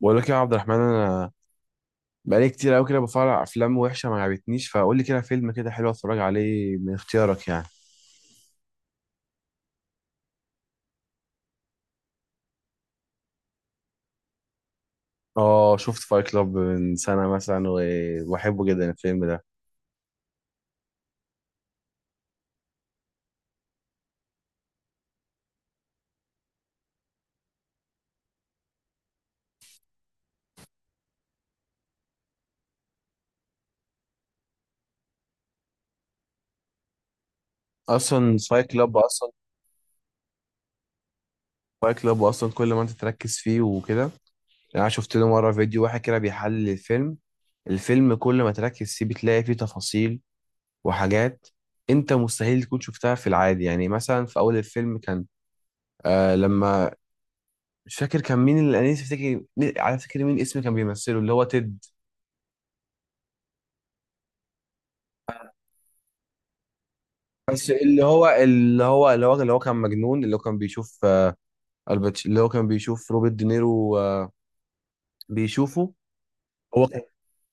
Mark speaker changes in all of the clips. Speaker 1: بقول لك يا عبد الرحمن، انا بقالي كتير قوي كده بتفرج على افلام وحشه ما عجبتنيش. فقول لي كده فيلم كده حلو اتفرج عليه من اختيارك يعني. اه شفت فايت كلاب من سنه مثلا، وبحبه جدا الفيلم ده. اصلا فايت كلاب اصلا، فايت كلاب اصلا كل ما انت تركز فيه وكده يعني. انا شفت له مره فيديو واحد كده بيحلل الفيلم. الفيلم كل ما تركز فيه بتلاقي فيه تفاصيل وحاجات انت مستحيل تكون شفتها في العادي. يعني مثلا في اول الفيلم كان آه لما مش فاكر كان مين، اللي انا نفسي افتكر على فكره مين اسم كان بيمثله اللي هو تيد. بس اللي هو كان مجنون، اللي هو كان بيشوف الباتش، اللي هو كان بيشوف روبرت دينيرو، بيشوفه. هو كان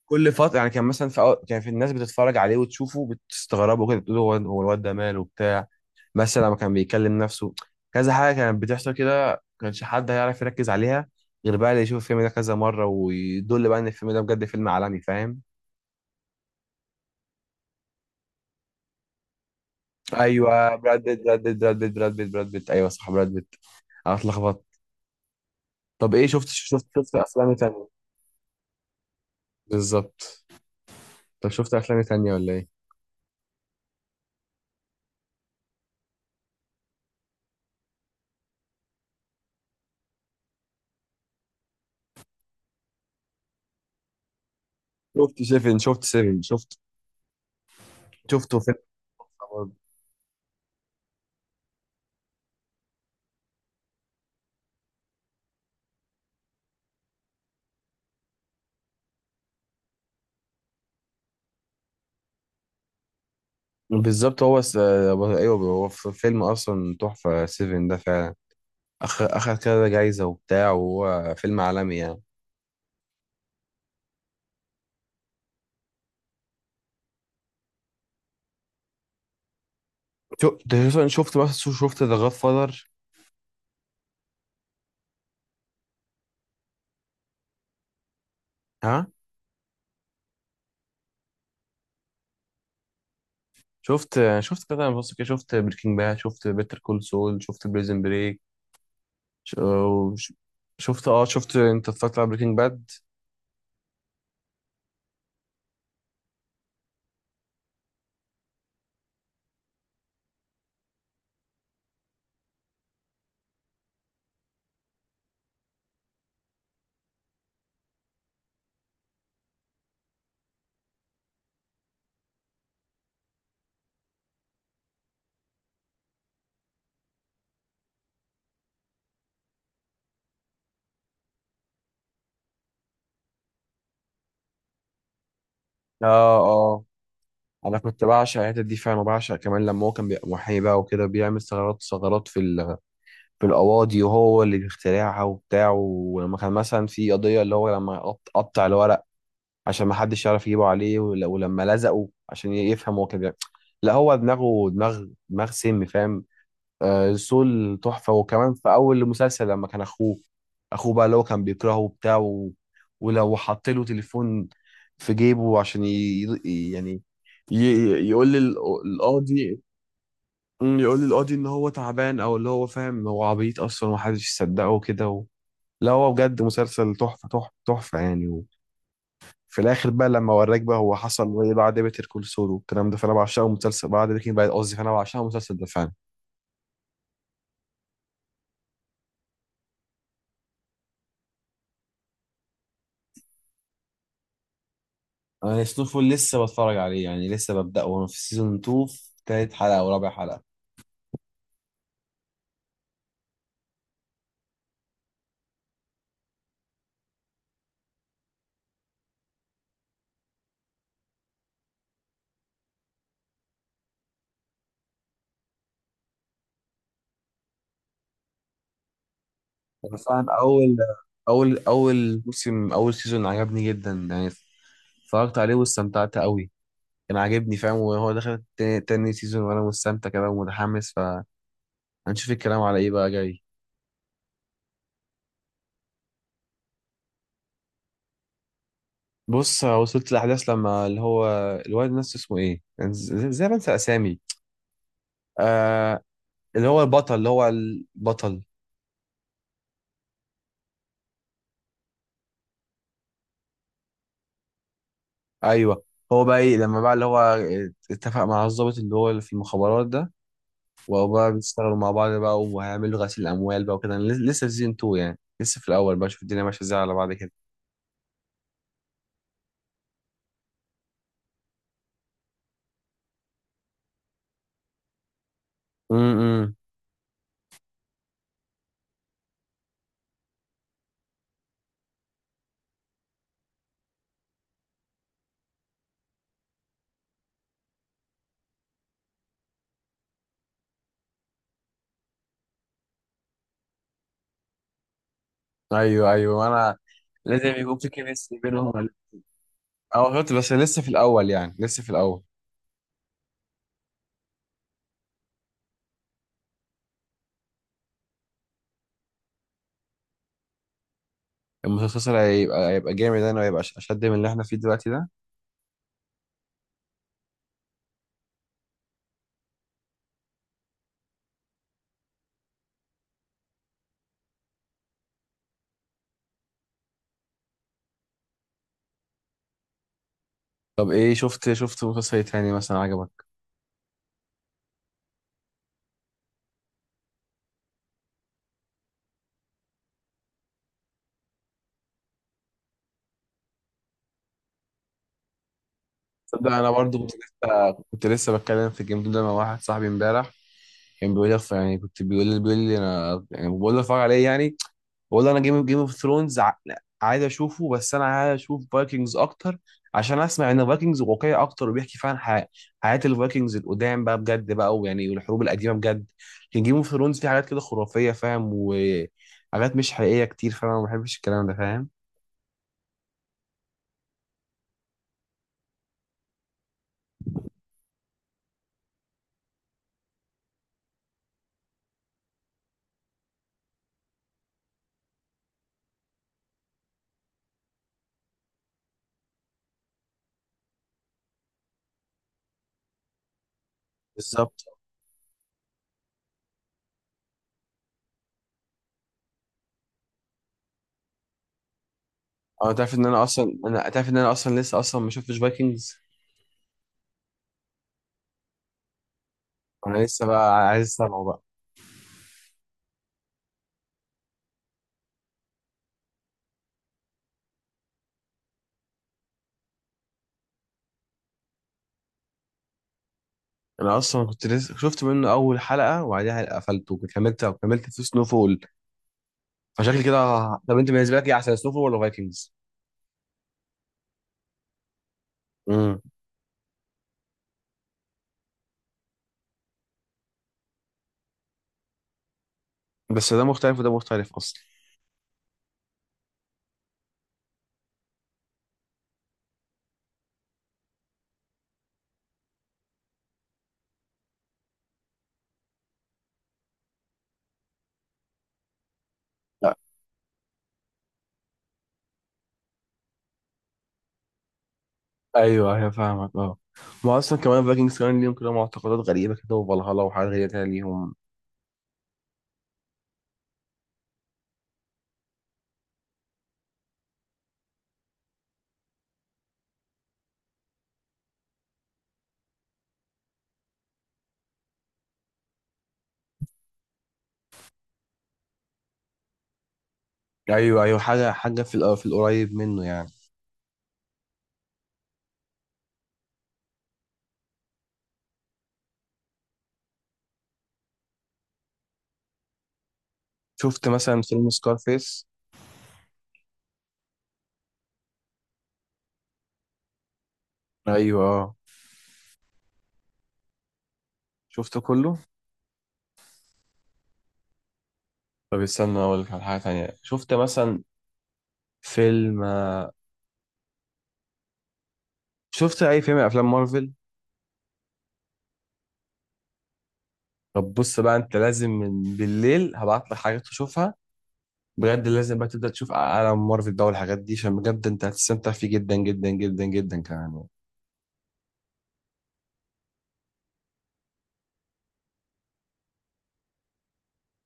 Speaker 1: كل فتره يعني، كان مثلا في كان في الناس بتتفرج عليه وتشوفه بتستغربه كده، بتقول هو هو الواد ده ماله وبتاع. مثلا لما كان بيكلم نفسه كذا حاجه كانت بتحصل كده، ما كانش حد هيعرف يركز عليها غير بقى اللي يشوف الفيلم ده كذا مره، ويدل بقى ان الفيلم ده بجد فيلم عالمي. فاهم؟ ايوه براد بيت ايوه صح براد بيت. انا اتلخبطت. طب ايه، شفت افلام تانية؟ بالظبط. طب شفت افلام تانية ولا ايه؟ شفت سيفن، شفت شفته فيلم برضه. بالظبط. ايوه، هو في فيلم اصلا تحفه سيفن ده فعلا. اخد كده جايزه وبتاع، وهو فيلم عالمي يعني. شو- ده شفت، بس شفت ذا جاد فاذر. ها؟ شفت كده، بص كده، شفت بريكنج باد، شفت بيتر كول سول، شفت بريزن بريك. ش- وش- شفت، اه شفت. انت اتفرجت على بريكنج باد؟ اه اه. انا كنت بعشق الحتت دي فعلا، وبعشق كمان لما هو كان بيبقى محامي بقى وكده، بيعمل ثغرات في في القواضي، وهو اللي بيخترعها وبتاع. ولما كان مثلا في قضيه اللي هو لما قطع الورق عشان ما حدش يعرف يجيبه عليه، ولما لزقه عشان يفهم هو كان بيعمل. لا هو دماغه، دماغ سم. فاهم؟ آه، سول تحفة. وكمان في أول المسلسل لما كان أخوه، أخوه بقى اللي هو كان بيكرهه وبتاع، و... ولو حط له تليفون في جيبه عشان يعني ي... يقول لي القاضي، يقول لي القاضي إن هو تعبان، أو اللي هو فاهم هو عبيط أصلا ومحدش يصدقه وكده و... لا هو بجد مسلسل تحفة تحفة يعني. وفي الآخر بقى، لما وراك بقى هو حصل إيه بعد بيتر كول سول والكلام ده، فأنا بعشقه مسلسل بعد بريكنج باد قصدي. فأنا بعشقه المسلسل ده فعلا. انا سنوفل لسه بتفرج عليه يعني، لسه ببدأ وانا في سيزون 2، في تالت حلقة او رابع حلقة. أنا فعلا اول موسم، اول سيزون عجبني جدا يعني. اتفرجت عليه واستمتعت قوي. كان عاجبني فاهم. وهو دخل تاني, تاني سيزون وانا مستمتع كده ومتحمس، فهنشوف الكلام على ايه بقى جاي. بص وصلت الاحداث لما اللي هو الواد نفسه اسمه ايه يعني، زي ما انسى اسامي. آه اللي هو البطل، اللي هو البطل. ايوه. هو بقى ايه لما بقى اللي هو اتفق مع الضابط اللي هو اللي في المخابرات ده، وهو بقى بيشتغلوا مع بعض بقى وهيعملوا غسيل اموال بقى وكده. أنا لسه في سيزون 2 يعني، لسه في الاول بقى، شوف الدنيا ماشيه ازاي على بعض كده. امم، ايوه ايوه انا. لازم يكون في كيمستري بينهم. اه شفت، بس لسه في الاول يعني، لسه في الاول. المسلسل هيبقى، جامد انا، وهيبقى اشد من اللي احنا فيه دلوقتي ده. طب ايه، شفت مسلسل إيه تاني مثلا عجبك؟ تصدق انا برضو، كنت لسه بتكلم في الجيم ده مع واحد صاحبي امبارح. كان بيقول لي يعني، كنت بيقول لي بيقول لي انا يعني، بقول له اتفرج عليه يعني. بقول له انا، جيم اوف ثرونز عايز اشوفه، بس انا عايز اشوف فايكنجز اكتر، عشان اسمع ان فايكنجز واقعي اكتر وبيحكي فعلا حياه الفايكنجز القدام بقى بجد بقى، ويعني والحروب القديمه بجد. لكن جيم اوف ثرونز فيه حاجات كده خرافيه فاهم، وحاجات مش حقيقيه كتير، فانا ما بحبش الكلام ده. فاهم؟ بالظبط. انا تعرف ان انا اصلا لسه اصلا ما شفتش فايكنجز. انا لسه بقى عايز اسمعه بقى. انا اصلا كنت لسه شفت منه اول حلقه، وبعدها قفلته وكملت، في سنو فول. فشكل كده. طب انت بالنسبه لك ايه احسن، سنو فول ولا فايكنجز؟ امم. بس ده مختلف وده مختلف اصلا. لا. ايوه ايوه فاهمك اه. ما اصلا كمان فايكنجز كمان ليهم كده معتقدات غريبه كده، وفالهالا وحاجات غريبه كده ليهم. ايوه ايوه، حاجه في في القريب منه يعني. شفت مثلا فيلم سكارفيس؟ ايوه اه شفته كله. طب استنى اقول لك على حاجه تانيه. شفت مثلا فيلم، شفت اي فيلم من افلام مارفل؟ طب بص بقى، انت لازم من بالليل هبعت لك حاجات تشوفها. بجد لازم بقى تبدا تشوف عالم مارفل ده والحاجات دي، عشان بجد انت هتستمتع فيه جدا جدا جدا جدا كمان.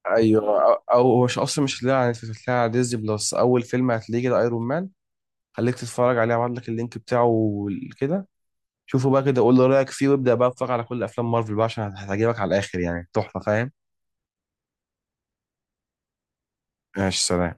Speaker 1: ايوه، او أو مش اصلا مش هتلاقيها على نتفليكس، هتلاقيها على ديزني بلس. اول فيلم هتلاقيه كده ايرون مان. خليك تتفرج عليه، هبعت لك اللينك بتاعه كده. شوفه بقى كده قول لي رايك فيه، وابدا بقى اتفرج على كل افلام مارفل بقى، عشان هتعجبك على الاخر يعني. تحفه فاهم. ماشي سلام.